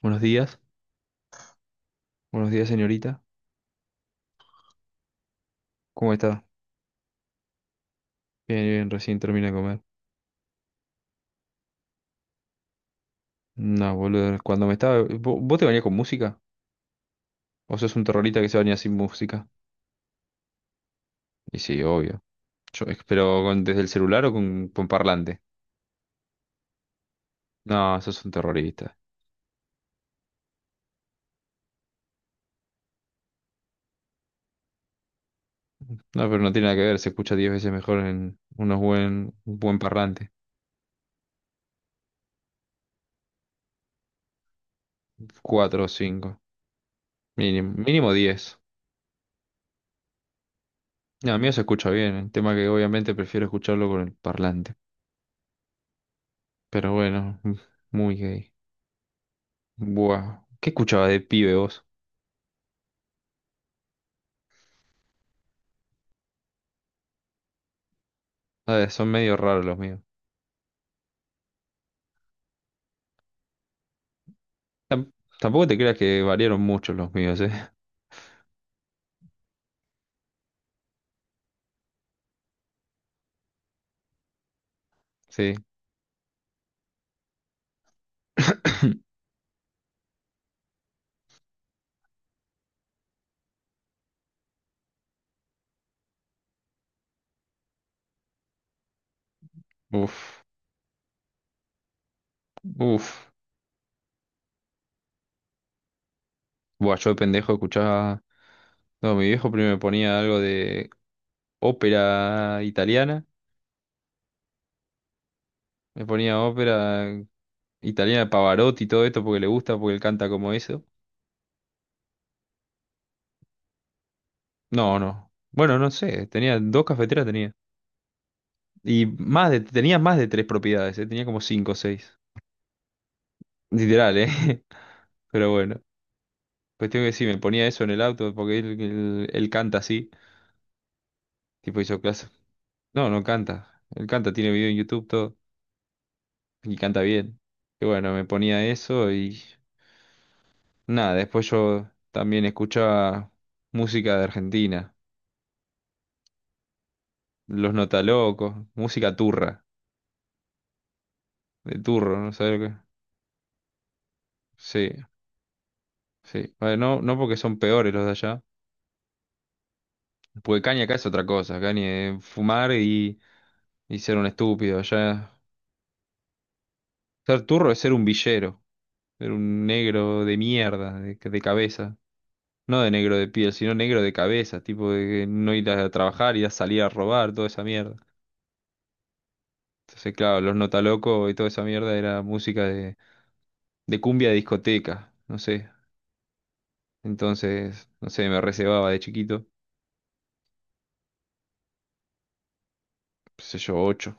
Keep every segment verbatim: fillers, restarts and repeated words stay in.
Buenos días, buenos días señorita. ¿Cómo está? Bien, bien, recién terminé de comer. No, boludo, cuando me estaba... ¿vo- ¿Vos te bañás con música? ¿O sos un terrorista que se baña sin música? Y sí, obvio. Yo, eh, ¿Pero con- desde el celular o con, con parlante? No, sos un terrorista. No, pero no tiene nada que ver, se escucha diez veces mejor en unos buen, un buen parlante. Cuatro o cinco, mínimo, mínimo diez. No, a mí se escucha bien, el tema que obviamente prefiero escucharlo con el parlante. Pero bueno, muy gay. Buah. ¿Qué escuchaba de pibe vos? A ver, son medio raros los míos. Tam- tampoco te creas que variaron mucho los míos, ¿eh? Sí. Uf. Uf. Buah, yo de pendejo escuchaba. No, mi viejo primero me ponía algo de ópera italiana. Me ponía ópera italiana de Pavarotti y todo esto porque le gusta, porque él canta como eso. No, no. Bueno, no sé. Tenía dos cafeteras, tenía. Y más de, tenía más de tres propiedades, ¿eh? Tenía como cinco o seis. Literal, ¿eh? Pero bueno. Cuestión que sí me ponía eso en el auto porque él, él- él canta así. Tipo hizo clase. No, no canta. Él canta, tiene video en YouTube, todo. Y canta bien. Y bueno, me ponía eso y nada, después yo también escuchaba música de Argentina. Los Notalocos, música turra, de turro, no sé lo que. Sí, sí. Bueno, no, no porque son peores los de allá. Porque Caña acá es otra cosa. Caña es fumar y, y ser un estúpido. Allá ser turro es ser un villero. Era un negro de mierda, de, de cabeza. No de negro de piel, sino negro de cabeza, tipo de que no ir a trabajar, ir a salir a robar, toda esa mierda. Entonces, claro, los Nota Loco y toda esa mierda era música de, de cumbia de discoteca, no sé. Entonces, no sé, me recebaba de chiquito, qué sé yo, ocho.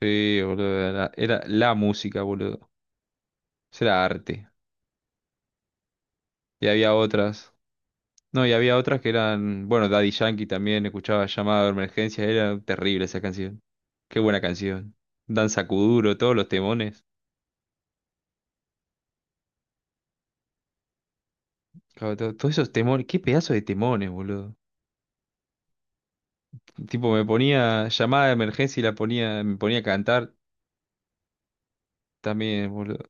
Sí, boludo, era, era la música, boludo. Eso era arte. Y había otras. No, y había otras que eran, bueno, Daddy Yankee también escuchaba llamada de emergencia, era terrible esa canción. Qué buena canción. Danza Kuduro, todos los temones. Claro, to- todos esos temones, qué pedazo de temones, boludo. Tipo, me ponía llamada de emergencia y la ponía, me ponía a cantar también, boludo.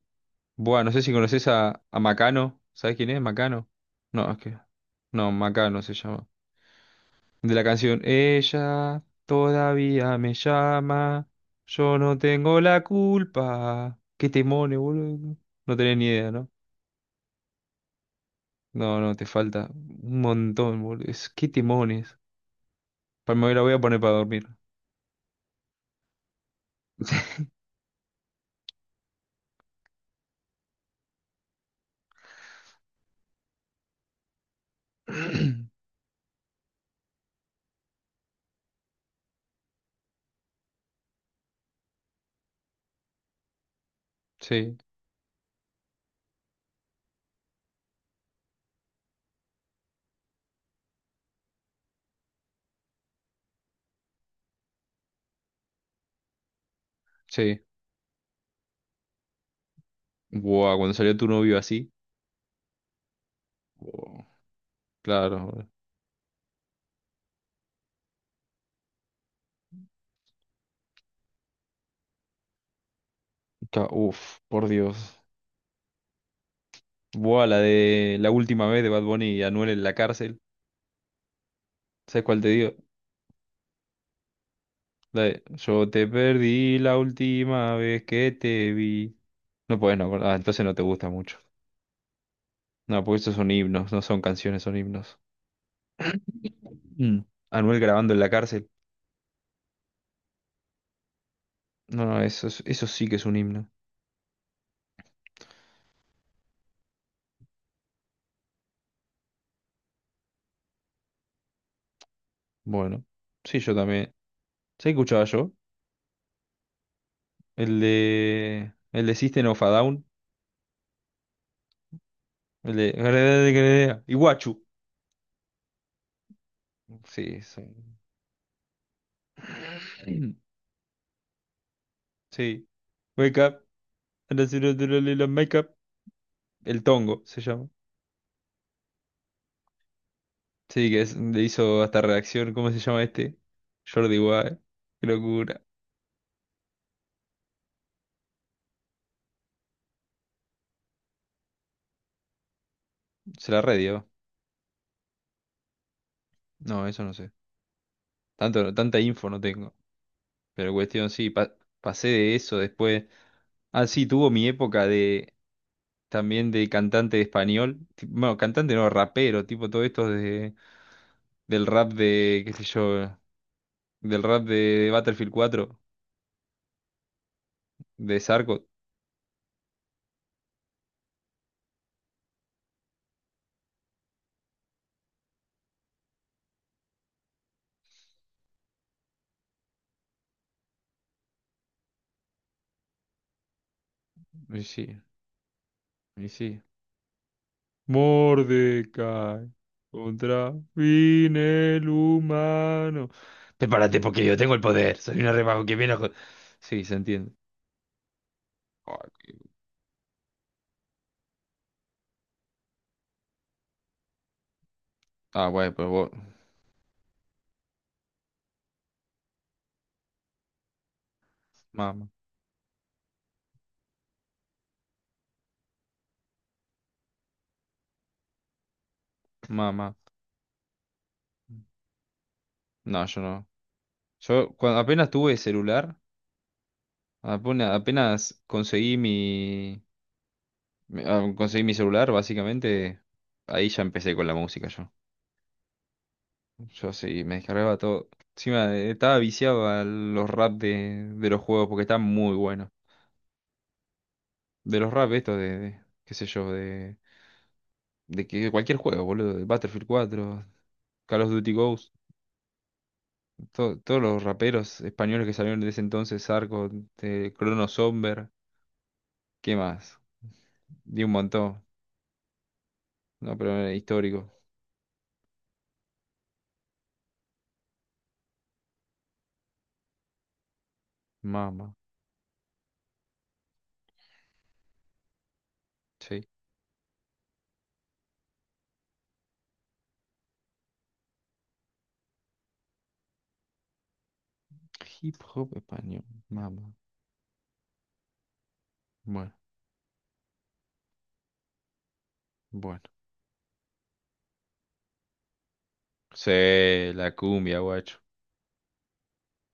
Buah, no sé si conoces a, a Macano, ¿sabes quién es Macano? No, es que, no, Macano se llama. De la canción Ella todavía me llama, yo no tengo la culpa. Qué temones, boludo. No No tenés ni idea, ¿no? No, no, te falta un montón, boludo. Es, qué temones. Para me la voy a poner para dormir. Sí, sí. Buah, cuando salió tu novio así. Buah, claro. Boludo. Ca- Uf, por Dios. Buah, la de la última vez de Bad Bunny y Anuel en la cárcel. ¿Sabes cuál te digo? De, yo te perdí la última vez que te vi. No puedes no acordar. Ah, entonces no te gusta mucho. No, porque esos son himnos, no son canciones, son himnos. Mm. Anuel grabando en la cárcel. No, no, eso, es- eso sí que es un himno. Bueno, sí, yo también. ¿Se escuchaba yo? El de. El de System of a Down. El de. Iguachu. Sí, son. Sí. Wake up and I see the little makeup. El tongo se llama. Sí, que es- le hizo hasta reacción, ¿cómo se llama este? Jordi Wild. Qué locura. Se la redió. No, eso no sé. Tanto, tanta info no tengo. Pero cuestión, sí, pa- pasé de eso después. Ah, sí, tuvo mi época de también de cantante de español. Ti- Bueno, cantante no, rapero, tipo todo esto de, del rap de, qué sé yo, del rap de, Battlefield cuatro, de Sarco. Y sí, y sí. Mordecai contra fin el humano. Prepárate porque yo tengo el poder. Soy una rebajo que viene a... jo- Sí, se entiende. Ah, qué- ah, güey, pero vos. Mamá, mamá. No, yo no. Yo cuando apenas tuve celular, apenas, apenas conseguí mi, mi- ah, conseguí mi celular, básicamente, ahí ya empecé con la música yo. Yo sí, me descargaba todo. Encima eh, estaba viciado a los rap de, de los juegos porque están muy buenos. De los rap estos de, de, qué sé yo, de, de que cualquier juego, boludo, de Battlefield cuatro Call of Duty Ghost, to- todos los raperos españoles que salieron de ese entonces, Arco, eh, Crono Somber, ¿qué más? Di un montón, no, pero era histórico, mama, sí. Hip hop español, mama, bueno, bueno. Sí, la cumbia, guacho.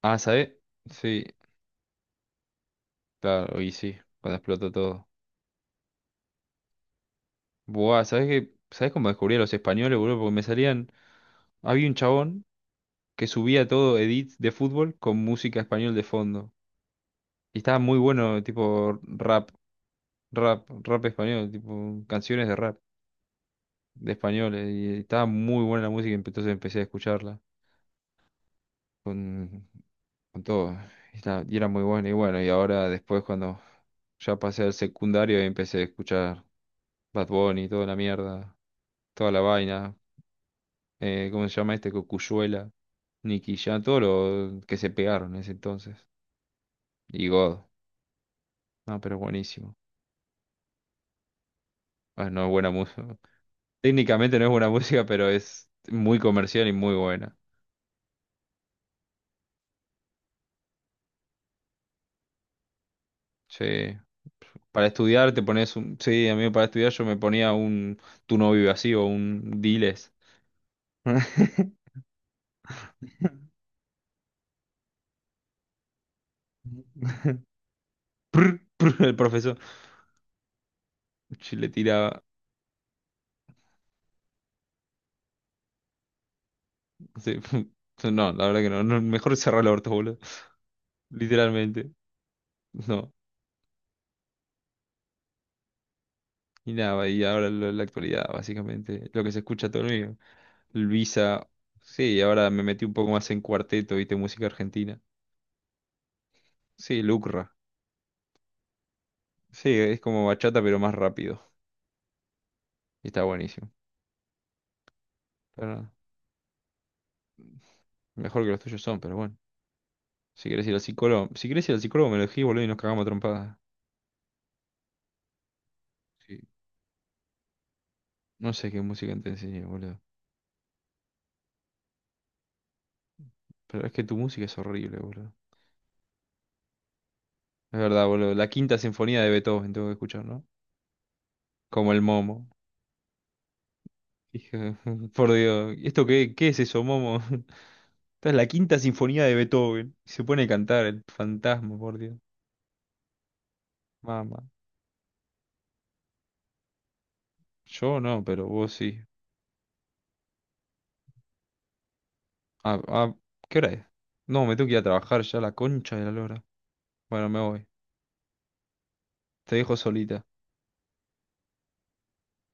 Ah, ¿sabes? Sí, claro, y sí, cuando explotó todo. Buah, ¿sabes qué? ¿Sabes cómo descubrí a los españoles, boludo? Porque me salían. Había un chabón que subía todo edits de fútbol con música español de fondo. Y estaba muy bueno, tipo rap, rap, rap español, tipo canciones de rap, de españoles. Y estaba muy buena la música, empe- entonces empecé a escucharla con, con todo. Y, estaba- y era muy bueno. Y bueno, y ahora después cuando ya pasé al secundario empecé a escuchar Bad Bunny, toda la mierda, toda la vaina. Eh, ¿cómo se llama este? Cocuyuela, Nicky Jam, todo lo que se pegaron en ese entonces. Y God. No, pero buenísimo. Ah, no es buena música. Técnicamente no es buena música, pero es muy comercial y muy buena. Sí. Para estudiar te pones un... Sí, a mí para estudiar yo me ponía un Tu no vive así o un Diles. Prr, prr, El profesor. Sí, le tiraba. Sí. No, la verdad que no. No, mejor cerrar el orto, boludo. Literalmente. No. Y nada, y ahora lo- la actualidad, básicamente. Lo que se escucha todo el día. Luisa. Sí, ahora me metí un poco más en cuarteto, viste, música argentina. Sí, Lucra. Sí, es como bachata, pero más rápido. Y está buenísimo. Pero mejor que los tuyos son, pero bueno. Si querés ir al psicólogo, si querés ir al psicólogo, me lo decís, boludo, y nos cagamos a trompadas. Sí. No sé qué música te enseñé, boludo. Pero es que tu música es horrible, boludo. Es verdad, boludo. La quinta sinfonía de Beethoven tengo que escuchar, ¿no? Como el Momo. Dije, por Dios, ¿esto qué, qué es eso, Momo? Esta es la quinta sinfonía de Beethoven. Se pone a cantar el fantasma, por Dios. Mamá. Yo no, pero vos sí. Ah, ah, ¿qué hora es? No, me tengo que ir a trabajar ya la concha de la lora. Bueno, me voy. Te dejo solita.